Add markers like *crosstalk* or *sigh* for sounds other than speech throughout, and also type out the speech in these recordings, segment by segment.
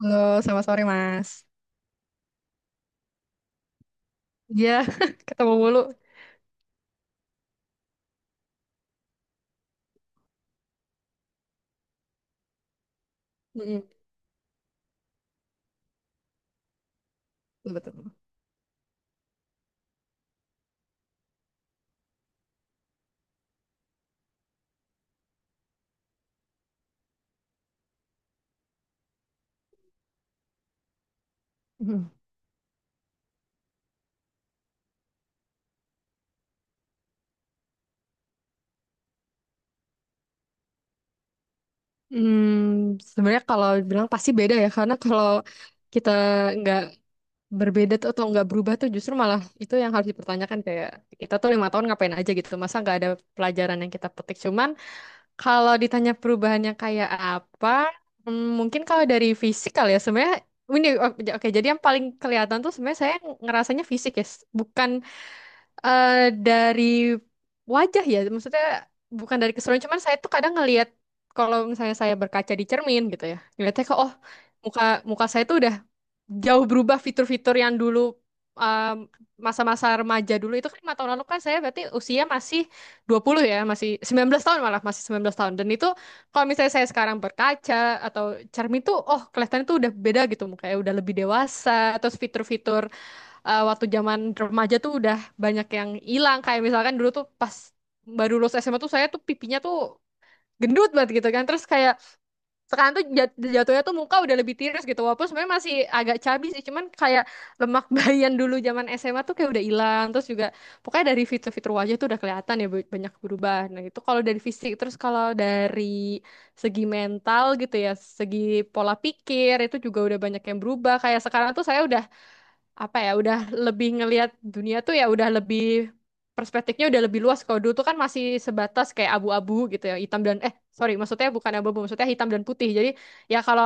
Halo, selamat sore Mas. Ya, *laughs* ketemu mulu. Mm-mm. Betul. Mm. Sebenarnya kalau bilang pasti beda ya, karena kalau kita nggak berbeda tuh atau nggak berubah tuh justru malah itu yang harus dipertanyakan, kayak kita tuh 5 tahun ngapain aja gitu, masa nggak ada pelajaran yang kita petik. Cuman kalau ditanya perubahannya kayak apa, mungkin kalau dari fisik kali ya. Sebenarnya ini oke, jadi yang paling kelihatan tuh sebenarnya saya ngerasanya fisik ya, bukan eh dari wajah ya, maksudnya bukan dari keseluruhan. Cuman saya tuh kadang ngelihat, kalau misalnya saya berkaca di cermin gitu ya, ngelihatnya kok, oh, muka muka saya tuh udah jauh berubah, fitur-fitur yang dulu, um, masa-masa remaja dulu itu kan 5 tahun lalu, kan saya berarti usia masih 20 ya, masih 19 tahun malah, masih 19 tahun. Dan itu kalau misalnya saya sekarang berkaca atau cermin tuh, oh, kelihatannya tuh udah beda gitu mukanya, udah lebih dewasa, atau fitur-fitur waktu zaman remaja tuh udah banyak yang hilang. Kayak misalkan dulu tuh pas baru lulus SMA tuh, saya tuh pipinya tuh gendut banget gitu kan, terus kayak sekarang tuh jatuhnya tuh muka udah lebih tirus gitu, walaupun sebenarnya masih agak cabi sih, cuman kayak lemak *laughs* bayan dulu zaman SMA tuh kayak udah hilang. Terus juga pokoknya dari fitur-fitur wajah tuh udah kelihatan ya banyak berubah. Nah itu kalau dari fisik. Terus kalau dari segi mental gitu ya, segi pola pikir, itu juga udah banyak yang berubah. Kayak sekarang tuh saya udah, apa ya, udah lebih ngelihat dunia tuh ya, udah lebih, perspektifnya udah lebih luas. Kalau dulu tuh kan masih sebatas kayak abu-abu gitu ya, hitam dan, eh, sorry, maksudnya bukan abu-abu, maksudnya hitam dan putih. Jadi ya kalau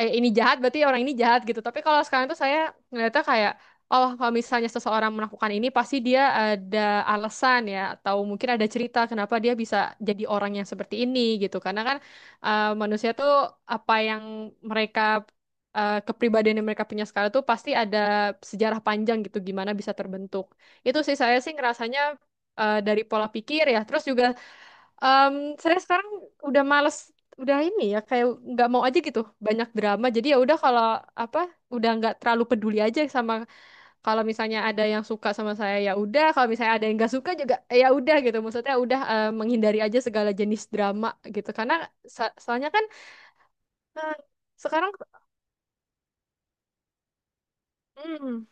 ini jahat berarti orang ini jahat gitu, tapi kalau sekarang tuh saya ngeliatnya kayak, oh, kalau misalnya seseorang melakukan ini pasti dia ada alasan ya, atau mungkin ada cerita kenapa dia bisa jadi orang yang seperti ini gitu. Karena kan manusia tuh apa yang mereka, kepribadian yang mereka punya sekarang tuh pasti ada sejarah panjang gitu gimana bisa terbentuk. Itu sih, saya sih ngerasanya dari pola pikir ya. Terus juga em, saya sekarang udah males, udah ini ya, kayak nggak mau aja gitu banyak drama. Jadi ya udah, kalau apa, udah nggak terlalu peduli aja sama, kalau misalnya ada yang suka sama saya ya udah, kalau misalnya ada yang nggak suka juga, ya udah gitu. Maksudnya udah, menghindari aja segala jenis drama gitu. Karena soalnya kan, eh, sekarang. Mm.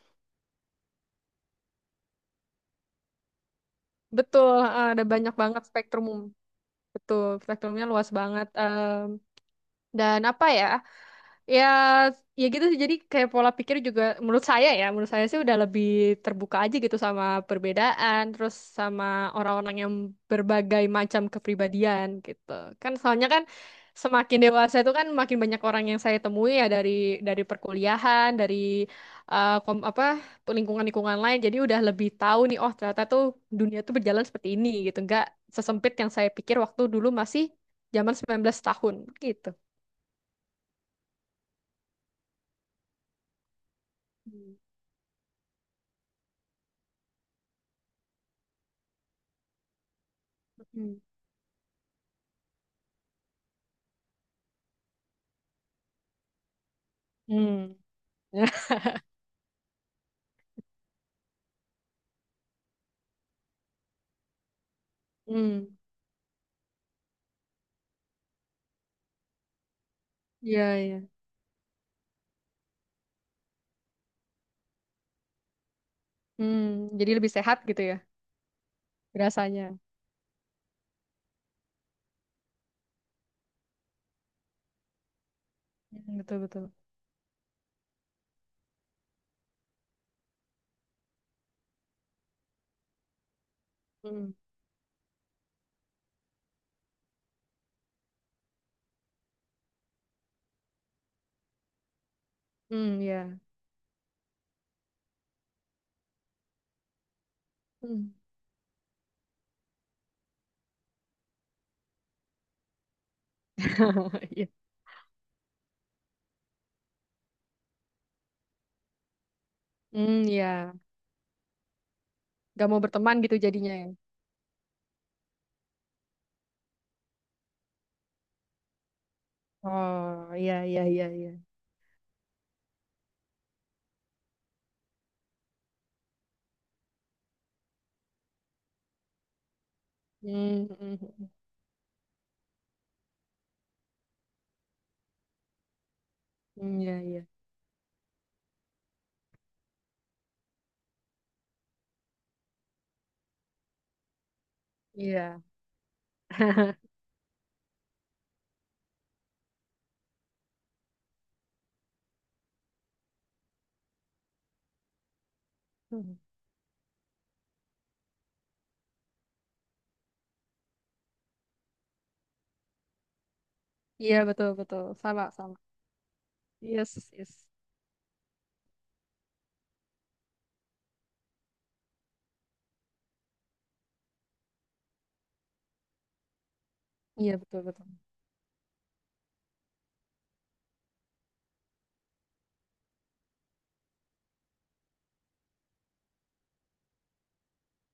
Betul. Ada banyak banget spektrumum. Betul, spektrumnya luas banget. Dan apa ya? Ya, ya gitu sih. Jadi kayak pola pikir juga menurut saya ya, menurut saya sih udah lebih terbuka aja gitu sama perbedaan, terus sama orang-orang yang berbagai macam kepribadian gitu. Kan soalnya kan semakin dewasa itu kan makin banyak orang yang saya temui ya, dari perkuliahan, dari apa, lingkungan-lingkungan lain. Jadi udah lebih tahu nih, oh ternyata tuh dunia tuh berjalan seperti ini gitu. Nggak sesempit yang saya pikir waktu dulu masih zaman 19 tahun gitu. Hmm. Hmm. Hmm. *laughs* Hmm, iya iya. Hmm, jadi lebih sehat gitu ya rasanya. Hmm, betul betul. Hmm, hmm, iya. Hmm. *laughs* Iya. Hmm, iya. Gak mau berteman gitu jadinya ya. Oh, iya iya iya iya. Hmm, hmm, hmm. Hmm, iya iya. Iya. *laughs* Hmm. Iya betul betul. Sama sama. Yes yes. Iya betul betul.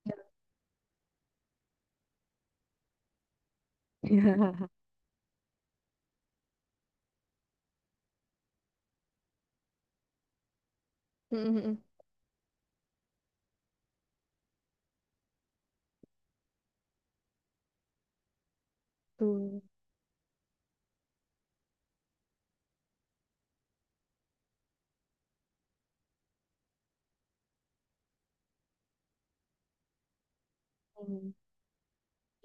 Iya. *laughs* Hmm, hmm, hmm. Tuh. Hmm.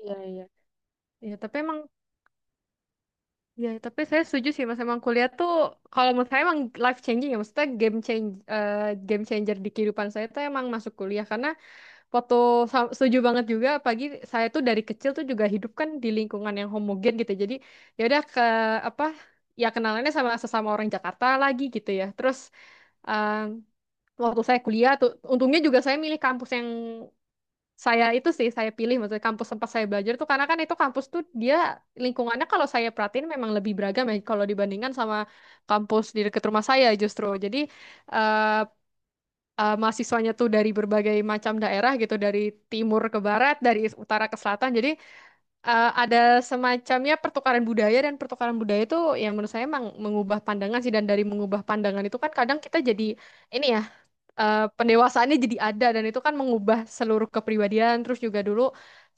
Iya iya. Iya, tapi emang, ya, tapi saya setuju sih Mas. Emang kuliah tuh kalau menurut saya emang life changing ya. Maksudnya eh, game changer di kehidupan saya tuh emang masuk kuliah karena foto setuju banget juga pagi. Saya tuh dari kecil tuh juga hidup kan di lingkungan yang homogen gitu. Jadi ya udah ke, apa ya, kenalannya sama sesama orang Jakarta lagi gitu ya. Terus em, waktu saya kuliah tuh untungnya juga saya milih kampus yang, saya itu sih saya pilih, maksudnya kampus tempat saya belajar tuh karena kan itu kampus tuh dia lingkungannya kalau saya perhatiin memang lebih beragam ya kalau dibandingkan sama kampus di dekat rumah saya justru. Jadi eh mahasiswanya tuh dari berbagai macam daerah gitu, dari timur ke barat, dari utara ke selatan. Jadi ada semacamnya pertukaran budaya, dan pertukaran budaya itu yang menurut saya memang mengubah pandangan sih. Dan dari mengubah pandangan itu kan kadang kita jadi ini ya, pendewasaannya jadi ada, dan itu kan mengubah seluruh kepribadian. Terus juga dulu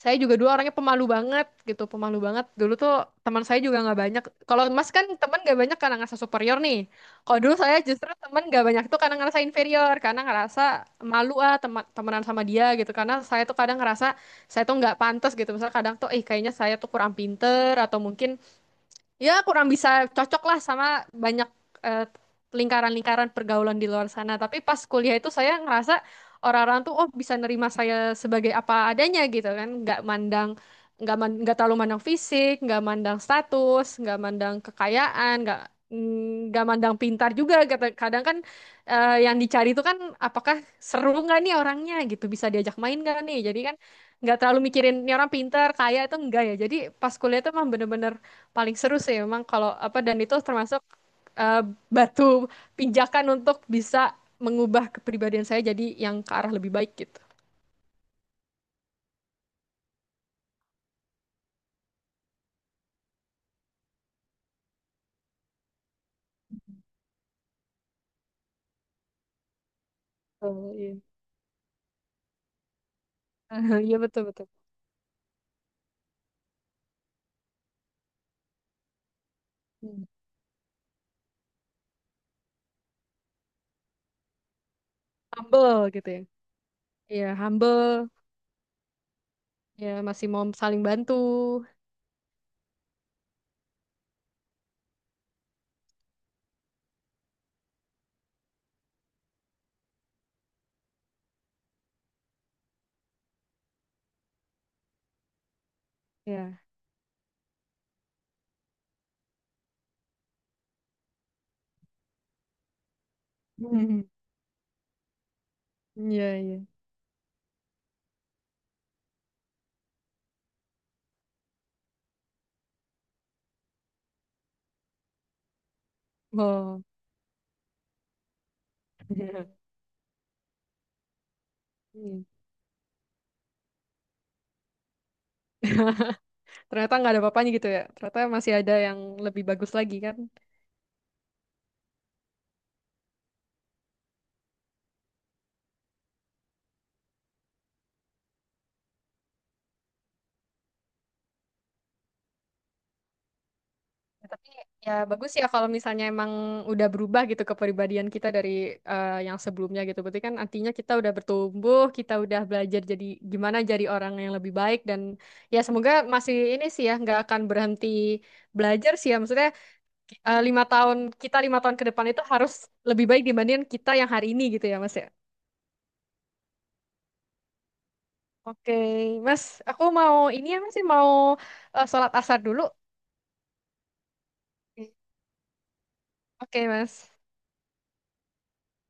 saya juga dulu orangnya pemalu banget gitu, pemalu banget. Dulu tuh teman saya juga nggak banyak. Kalau Mas kan teman nggak banyak karena ngerasa superior nih. Kalau dulu saya justru teman nggak banyak tuh karena ngerasa inferior, karena ngerasa malu ah teman temenan sama dia gitu. Karena saya tuh kadang ngerasa saya tuh nggak pantas gitu. Misalnya kadang tuh, eh, kayaknya saya tuh kurang pinter atau mungkin ya kurang bisa cocok lah sama banyak eh, lingkaran-lingkaran pergaulan di luar sana. Tapi pas kuliah itu saya ngerasa orang-orang tuh oh bisa nerima saya sebagai apa adanya gitu kan, nggak mandang, nggak terlalu mandang fisik, nggak mandang status, nggak mandang kekayaan, nggak, nggak mandang pintar juga. Kadang kan yang dicari itu kan apakah seru nggak nih orangnya gitu, bisa diajak main nggak nih. Jadi kan nggak terlalu mikirin ini orang pintar, kaya itu enggak ya. Jadi pas kuliah itu emang bener-bener paling seru sih memang kalau apa, dan itu termasuk eh, batu pijakan untuk bisa mengubah kepribadian saya jadi yang ke arah lebih baik gitu. Oh, iya. *laughs* Iya betul betul. Hmm. Humble gitu ya. Iya, humble. Ya masih mau saling bantu. Ya. *laughs* Iya, iya. Oh. *laughs* Hmm. Ternyata nggak ada apa-apanya gitu ya. Ternyata masih ada yang lebih bagus lagi kan. Ya, tapi ya bagus ya kalau misalnya emang udah berubah gitu kepribadian kita dari yang sebelumnya gitu. Berarti kan artinya kita udah bertumbuh, kita udah belajar jadi gimana jadi orang yang lebih baik, dan ya semoga masih ini sih ya nggak akan berhenti belajar sih ya. Maksudnya 5 tahun ke depan itu harus lebih baik dibandingin kita yang hari ini gitu ya Mas ya. Oke Mas, aku mau ini ya Mas, ya, mau sholat asar dulu. Oke, Mas.